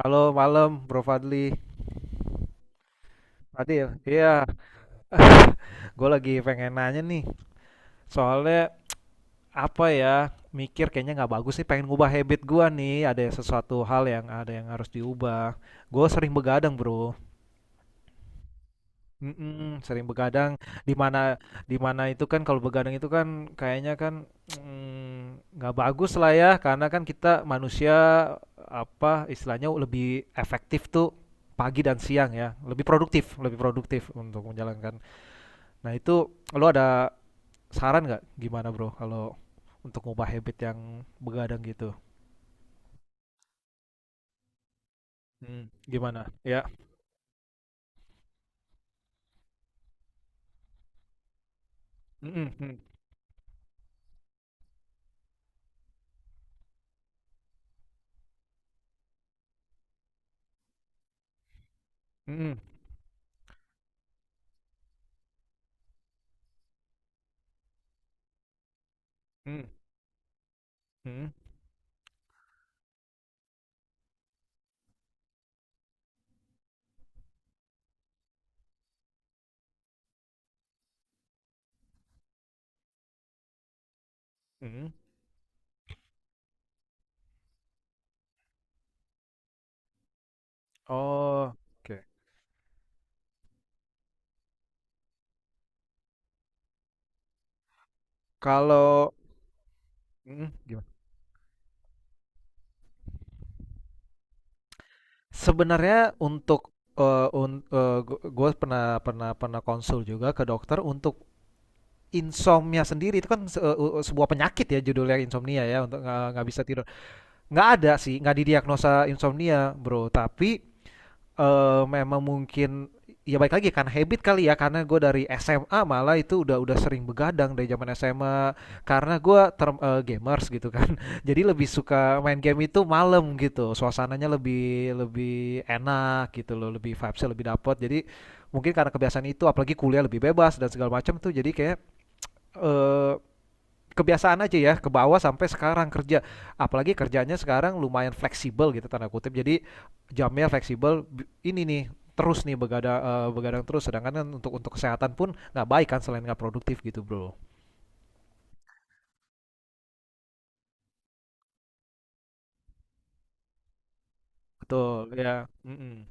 Halo malam Bro Fadli. Fadil, iya. Gue lagi pengen nanya nih. Soalnya apa ya? Mikir kayaknya nggak bagus sih. Pengen ngubah habit gua nih. Ada sesuatu hal yang ada yang harus diubah. Gue sering begadang Bro. Mhm, sering begadang, di mana itu kan kalau begadang itu kan kayaknya kan, nggak bagus lah ya, karena kan kita manusia, apa, istilahnya lebih efektif tuh pagi dan siang ya, lebih produktif untuk menjalankan. Nah itu lo ada saran nggak gimana, Bro, kalau untuk ngubah habit yang begadang gitu? Mhm, gimana? Ya, mhm mhm mhm, mhm, mhm mhm. Oh, oke. Kalau mhm, gimana? Sebenarnya untuk eee, un eee, gu gue pernah pernah pernah konsul juga ke dokter untuk insomnia sendiri itu kan sebuah penyakit ya judulnya insomnia ya untuk nggak bisa tidur. Nggak ada sih, nggak didiagnosa insomnia, Bro, tapi memang mungkin ya baik lagi kan habit kali ya, karena gue dari SMA malah itu udah sering begadang dari zaman SMA, karena gue gamers gitu kan jadi lebih suka main game itu malam gitu suasananya lebih lebih enak gitu loh, lebih vibesnya lebih dapet jadi mungkin karena kebiasaan itu, apalagi kuliah lebih bebas dan segala macam tuh jadi kayak eh kebiasaan aja ya ke bawah sampai sekarang kerja, apalagi kerjanya sekarang lumayan fleksibel gitu tanda kutip, jadi jamnya fleksibel ini nih, terus nih begadang, begadang terus, sedangkan kan untuk kesehatan pun nggak baik kan, selain nggak produktif gitu bro. Betul ya. Mm-mm.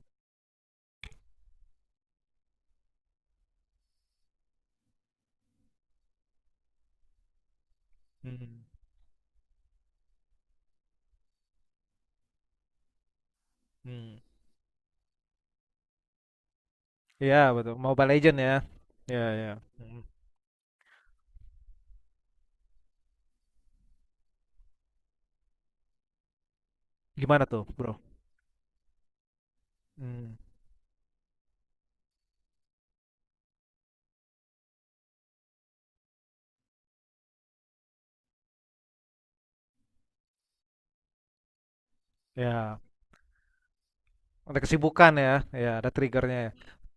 Mm-mm. Mm. Ya betul, Mobile Legend ya, ya ya. Mm. Gimana tuh bro? Mm. Ya. Ada kesibukan ya, ya ada triggernya ya.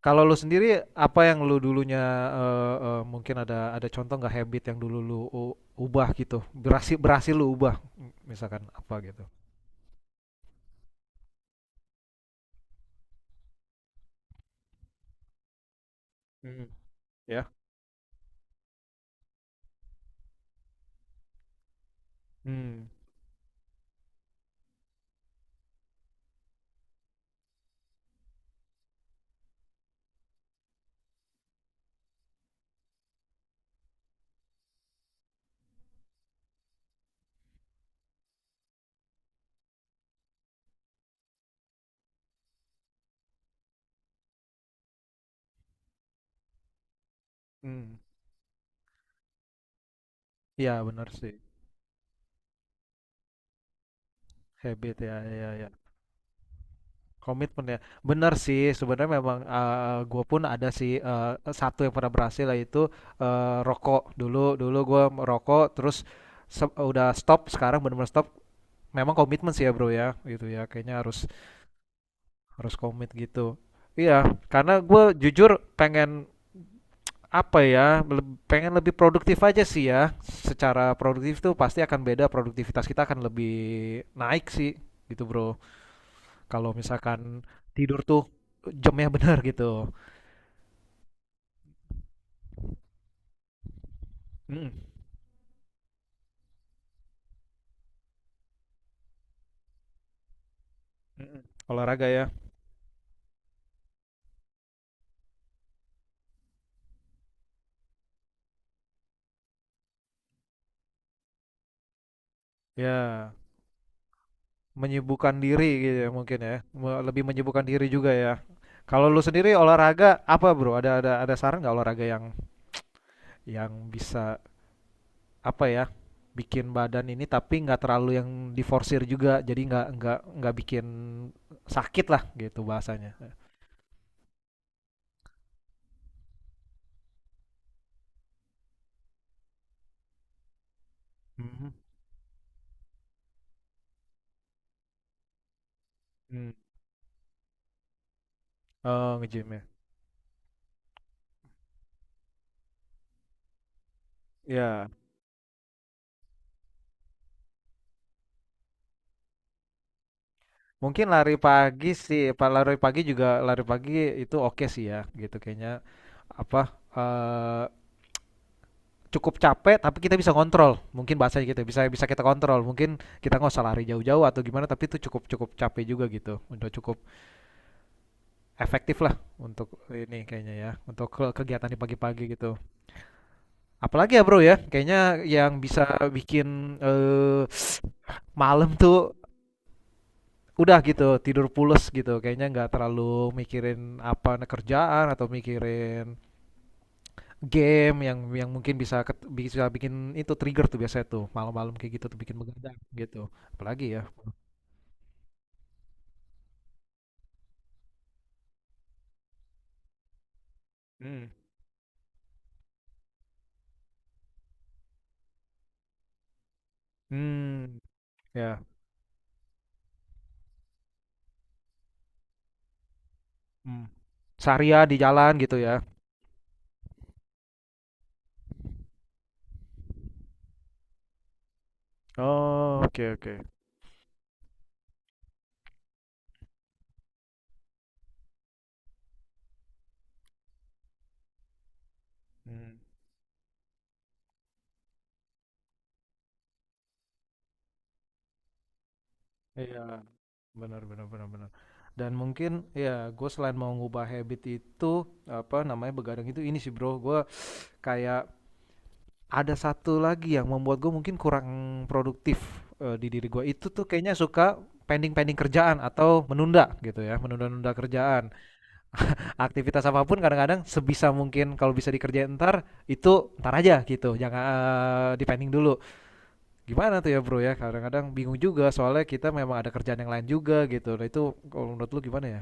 Kalau lu sendiri apa yang lu dulunya, eee eee, mungkin ada contoh nggak habit yang dulu lu ubah gitu, berhasil berhasil lu ubah, misalkan apa gitu? Mhm, ya? Hmm. Mhm, iya bener sih, habit ya. Ya ya, komitmen ya. Bener sih sebenarnya memang, gua pun ada sih, eee, e satu yang pernah berhasil yaitu, rokok. Dulu dulu gua merokok terus udah stop, sekarang benar-benar stop. Memang komitmen sih ya bro ya gitu ya, kayaknya harus harus komit gitu. Iya, karena gue jujur pengen, pengen lebih produktif aja sih ya, secara produktif tuh pasti akan beda, produktivitas kita akan lebih naik sih gitu bro, kalau misalkan tidur tuh jamnya benar gitu. Mm-mm. Mm-mm. Olahraga ya. Ya, menyibukkan diri gitu ya mungkin ya. Lebih menyibukkan diri juga ya. Kalau lu sendiri olahraga apa bro, ada ada saran nggak olahraga yang bisa, apa ya, bikin badan ini tapi nggak terlalu yang diforsir juga, jadi nggak nggak bikin sakit lah gitu bahasanya. Mhm. Hmm. Oh nge-gym ya. Ya, mungkin lari pagi sih pak, lari pagi juga, lari pagi itu oke sih ya gitu kayaknya, apa, eh cukup capek tapi kita bisa kontrol mungkin bahasanya gitu, bisa bisa kita kontrol mungkin, kita nggak usah lari jauh-jauh atau gimana, tapi itu cukup cukup capek juga gitu, udah cukup efektif lah untuk ini kayaknya ya, untuk ke kegiatan di pagi-pagi gitu. Apalagi ya Bro ya, kayaknya yang bisa bikin, eee, malam tuh udah gitu, tidur pules gitu, kayaknya nggak terlalu mikirin apa, kerjaan atau mikirin game yang mungkin bisa bisa bikin itu trigger tuh biasanya tuh, malam-malam kayak gitu tuh bikin begadang gitu, apalagi ya? Hmm, mmm, ya, mmm. Seharian di jalan gitu ya? Oh, oke oke, mmm. Iya, benar benar benar benar. Dan mungkin ya gue selain mau ngubah habit itu, apa namanya, begadang itu, ini sih bro, gue kayak ada satu lagi yang membuat gue mungkin kurang produktif, di diri gue itu tuh kayaknya suka pending-pending kerjaan atau menunda gitu ya, menunda-nunda kerjaan. Aktivitas apapun kadang-kadang sebisa mungkin kalau bisa dikerjain ntar, itu ntar aja gitu, jangan dipending dulu. Gimana tuh ya Bro ya, kadang-kadang bingung juga soalnya kita memang ada kerjaan yang lain juga gitu. Nah itu kalau menurut lu gimana ya?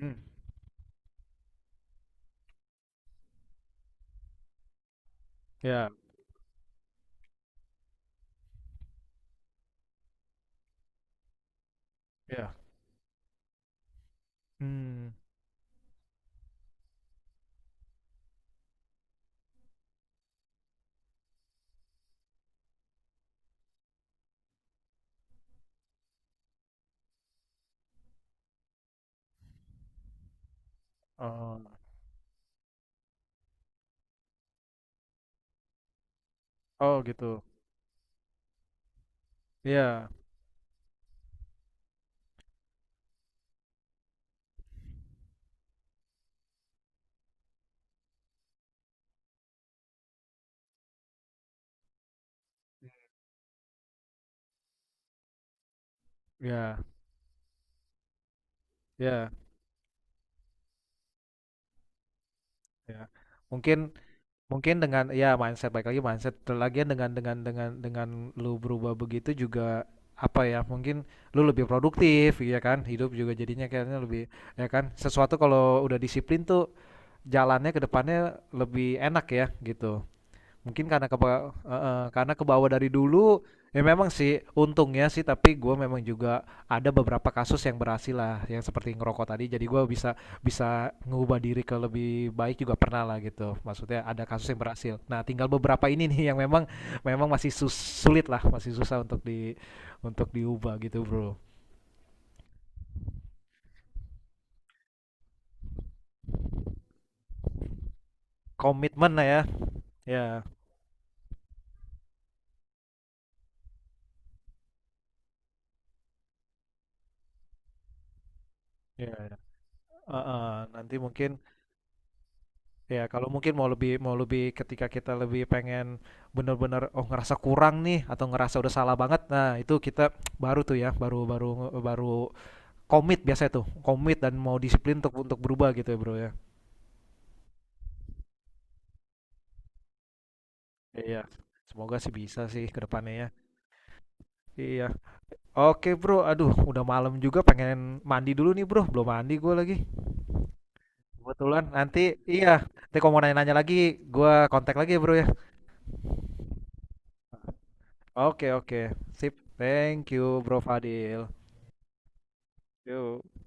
Mmm, ya iya, mmm, oh, oh gitu, ya ya ya ya. Mungkin mungkin dengan ya mindset, baik lagi mindset, lagian dengan lu berubah begitu juga, apa ya, mungkin lu lebih produktif ya kan, hidup juga jadinya kayaknya lebih, ya kan, sesuatu kalau udah disiplin tuh jalannya ke depannya lebih enak ya gitu. Mungkin karena kepa Heeh, karena kebawa dari dulu, ya memang sih untungnya sih, tapi gue memang juga ada beberapa kasus yang berhasil lah, yang seperti ngerokok tadi, jadi gue bisa bisa ngubah diri ke lebih baik juga pernah lah gitu, maksudnya ada kasus yang berhasil. Nah tinggal beberapa ini nih yang memang memang masih sulit lah, masih susah untuk untuk diubah gitu Bro. Komitmen lah ya. Ya. Iya, heeh, nanti mungkin. Ya, kalau mungkin mau lebih, ketika kita lebih pengen bener-bener oh ngerasa kurang nih, atau ngerasa udah salah banget. Nah, itu kita baru tuh ya, baru baru baru komit biasanya tuh. Komit dan mau disiplin untuk berubah gitu ya, Bro ya. Iya. Semoga sih bisa sih ke depannya ya. Iya. Oke, Bro. Aduh, udah malam juga, pengen mandi dulu nih, Bro. Belum mandi gue lagi. Kebetulan nanti, iya, nanti kalau mau nanya-nanya lagi gue kontak lagi ya, Bro ya. Oke, oke. Sip. Thank you, Bro Fadil. Yuk.